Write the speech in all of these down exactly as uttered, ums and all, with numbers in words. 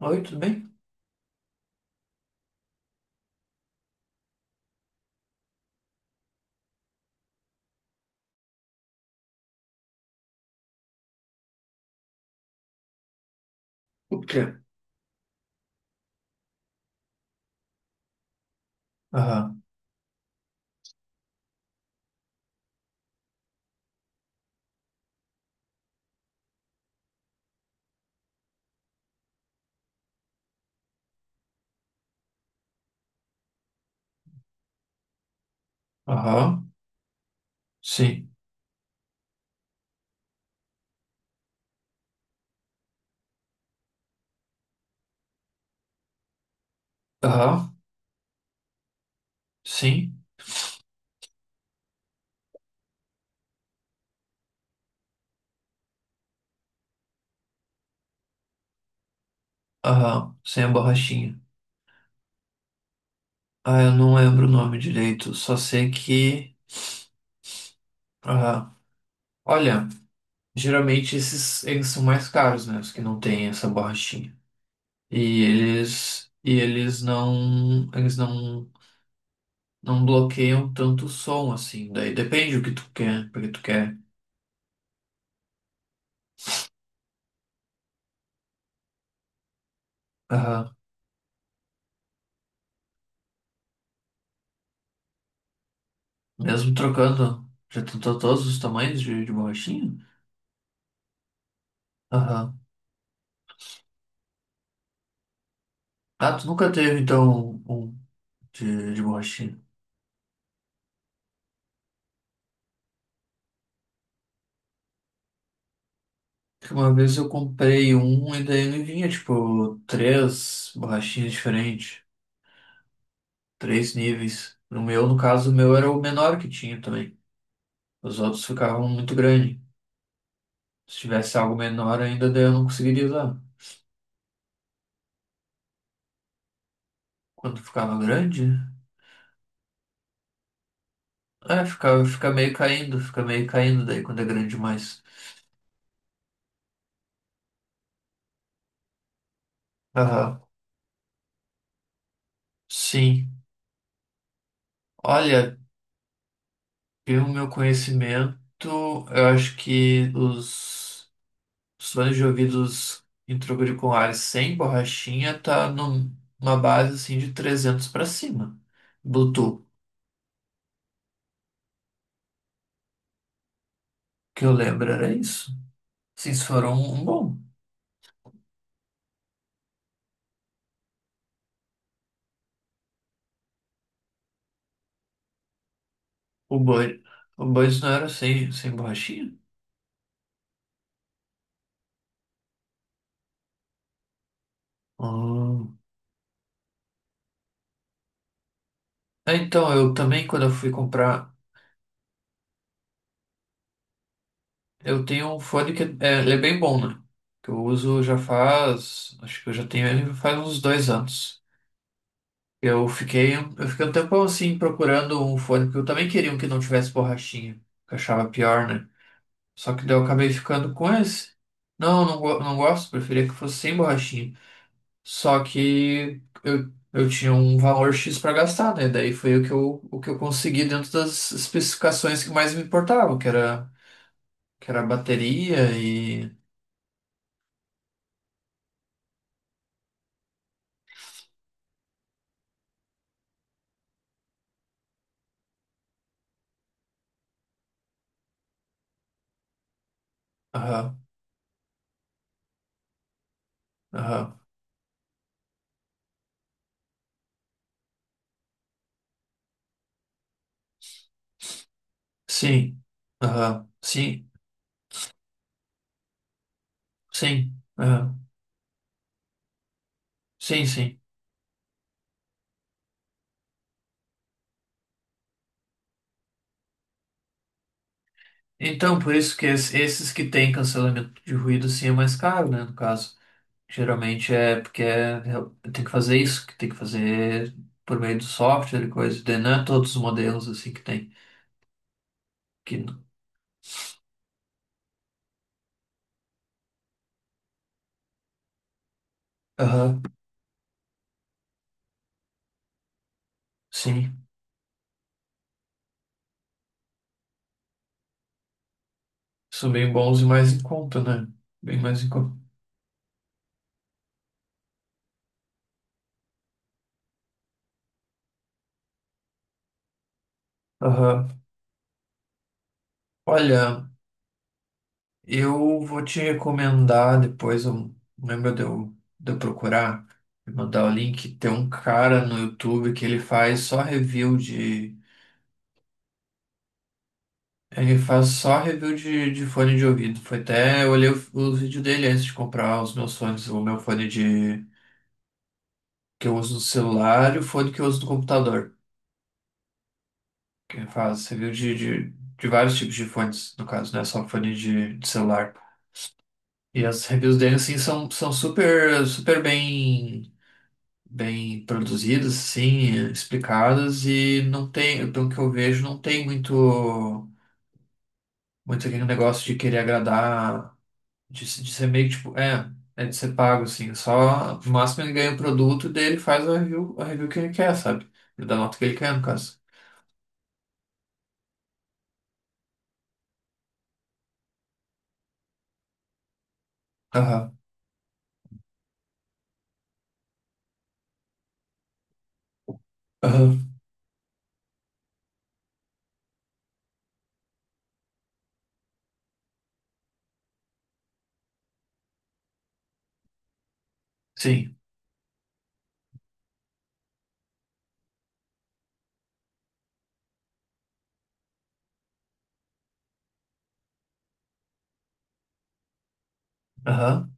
Oi, tudo bem? O quê? Aham, aham, sim, aham, sim, aham, sem a borrachinha. Ah, eu não lembro o nome direito, só sei que. Aham. Olha, geralmente esses eles são mais caros, né? Os que não têm essa borrachinha. E eles. E eles não. Eles não. Não bloqueiam tanto o som assim. Daí depende o que tu quer, porque tu quer. Aham. Mesmo trocando. Já tentou todos os tamanhos de, de borrachinha? Aham. Ah, tu nunca teve, então, um de, de borrachinha? Porque uma vez eu comprei um e daí me vinha, tipo, três borrachinhas diferentes, três níveis. No meu, no caso, o meu era o menor que tinha também. Os outros ficavam muito grande. Se tivesse algo menor ainda, daí eu não conseguiria usar. Quando ficava grande, é, ficava, fica meio caindo, fica meio caindo daí quando é grande demais. Aham, sim. Olha, pelo meu conhecimento, eu acho que os Os fones de ouvidos em troca sem borrachinha tá num- numa base assim de trezentos para cima. Bluetooth, que eu lembro era isso. Sim, se for um, um bom. O Bud, o Buds não era sem, sem borrachinha? Ah. É, então, eu também, quando eu fui comprar, eu tenho um fone que é, ele é bem bom, né? Que eu uso já faz, acho que eu já tenho ele faz uns dois anos. Eu fiquei, eu fiquei um tempão assim procurando um fone, porque eu também queria um que não tivesse borrachinha, que eu achava pior, né? Só que daí eu acabei ficando com esse. Não, não, go- não gosto, preferia que fosse sem borrachinha. Só que eu, eu tinha um valor X para gastar, né? Daí foi o que eu, o que eu consegui dentro das especificações que mais me importavam, que era, que era a bateria e. Aham, aham, sim, aham, sim, sim, aham, sim, sim. Então, por isso que es- esses que têm cancelamento de ruído, sim, é mais caro, né? No caso, geralmente é porque é, é- tem que fazer isso, que tem que fazer por meio do software e coisa. Daí não é todos os modelos assim que tem. Que, aham, sim, são bem bons e mais em conta, né? Bem mais em conta. Aham. Olha, eu vou te recomendar depois, eu, lembra de eu, de eu procurar, e mandar o link. Tem um cara no YouTube que ele faz só review de. Ele faz só review de, de fone de ouvido. Foi até, eu olhei o, o vídeo dele antes de comprar os meus fones, o meu fone de que eu uso no celular e o fone que eu uso no computador. Que ele faz review de, de, de vários tipos de fones, no caso, não é só fone de, de celular. E as reviews dele, assim, são, são super, super bem, bem produzidas, assim, explicadas e não tem, pelo que eu vejo, não tem muito, muito aquele negócio de querer agradar. De, de ser meio que, tipo, é, é de ser pago, assim. é Só, no máximo ele ganha o produto e daí ele faz a review, a review que ele quer, sabe? Ele dá a nota que ele quer, no caso. Aham, aham, sim, aham,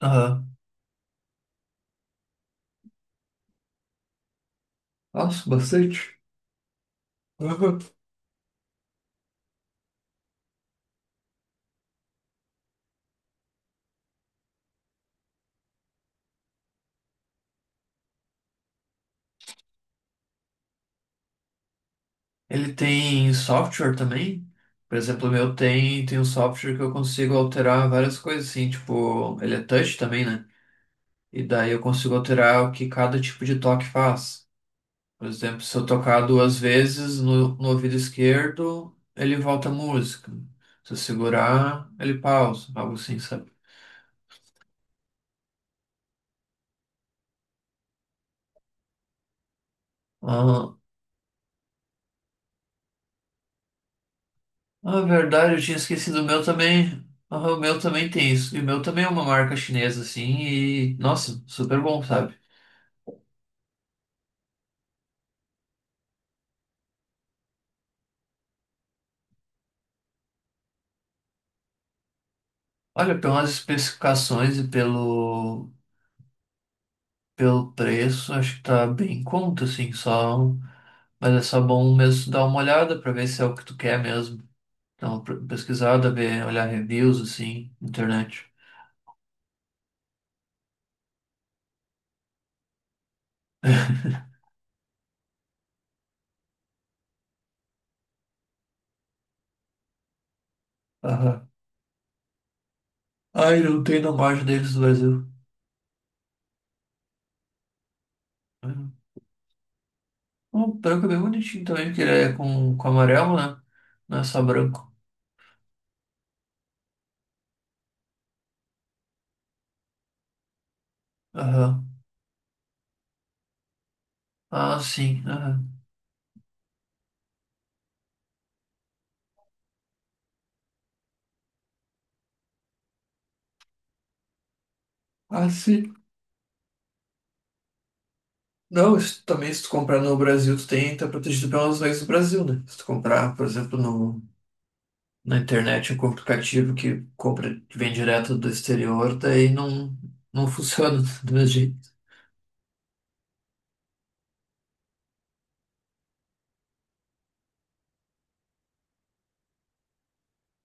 aham. Nossa, bastante. Aham. Ele tem software também. Por exemplo, o meu tem, tem um software que eu consigo alterar várias coisas, assim, tipo, ele é touch também, né? E daí eu consigo alterar o que cada tipo de toque faz. Por exemplo, se eu tocar duas vezes no, no ouvido esquerdo, ele volta a música. Se eu segurar, ele pausa, algo assim, sabe? Ah, ah, verdade, eu tinha esquecido o meu também. Ah, o meu também tem isso. E o meu também é uma marca chinesa, assim, e nossa, super bom, sabe? Olha, pelas especificações e pelo, pelo preço, acho que tá bem em conta, assim, só. Mas é só bom mesmo dar uma olhada pra ver se é o que tu quer mesmo. Dá uma pr- pesquisada, ver, olhar reviews, assim, na internet. Aham. Ai, não tem na loja deles do Brasil. Uhum. O branco é bem bonitinho também, porque ele é com, com amarelo, né? Não é só branco. Aham. Ah, sim. Aham. Ah, sim. Não, isso também se tu comprar no Brasil, tu tem, tá protegido pelas leis do Brasil, né? Se tu comprar, por exemplo, no, na internet, um aplicativo que compra, que vem direto do exterior, daí não, não funciona do mesmo jeito.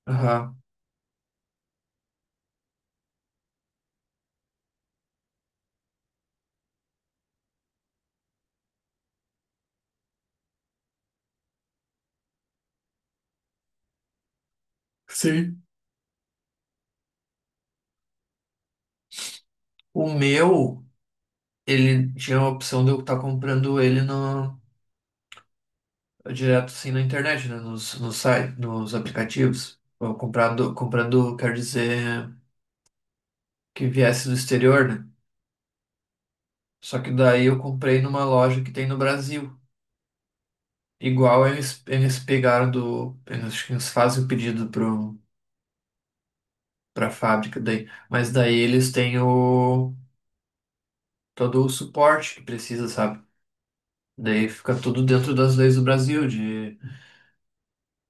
Aham. Sim. O meu, ele tinha a opção de eu estar comprando ele no, direto assim na internet, né? Nos, nos sites, nos aplicativos. Eu comprado, comprando, quer dizer, que viesse do exterior, né? Só que daí eu comprei numa loja que tem no Brasil. Igual eles, eles pegaram do. Eles, acho que eles fazem o pedido pro, pra fábrica daí. Mas daí eles têm o, todo o suporte que precisa, sabe? Daí fica tudo dentro das leis do Brasil, de,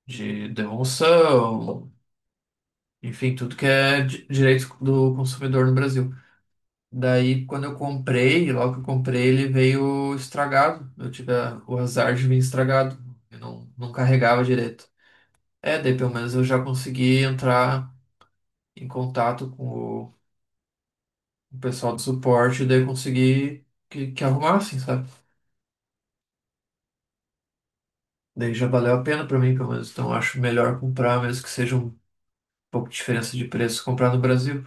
de devolução, enfim, tudo que é di- direito do consumidor no Brasil. Daí, quando eu comprei, logo que eu comprei, ele veio estragado. Eu tive a- o azar de vir estragado. Eu não, não carregava direito. É, daí pelo menos eu já consegui entrar em contato com o, o pessoal do suporte, daí eu consegui que, que arrumassem, sabe? Daí já valeu a pena pra mim, pelo menos. Então eu acho melhor comprar, mesmo que seja um pouco de diferença de preço, comprar no Brasil.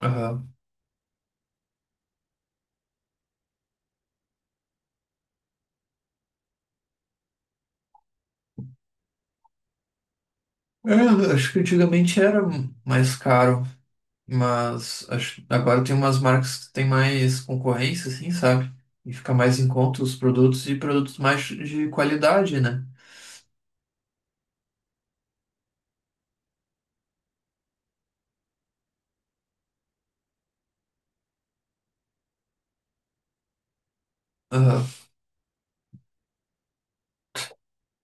Aham. É, eu acho que antigamente era mais caro. Mas acho, agora tem umas marcas que tem mais concorrência, assim, sabe? E fica mais em conta os produtos e produtos mais de qualidade, né? Aham.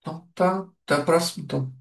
Então tá, tá próximo.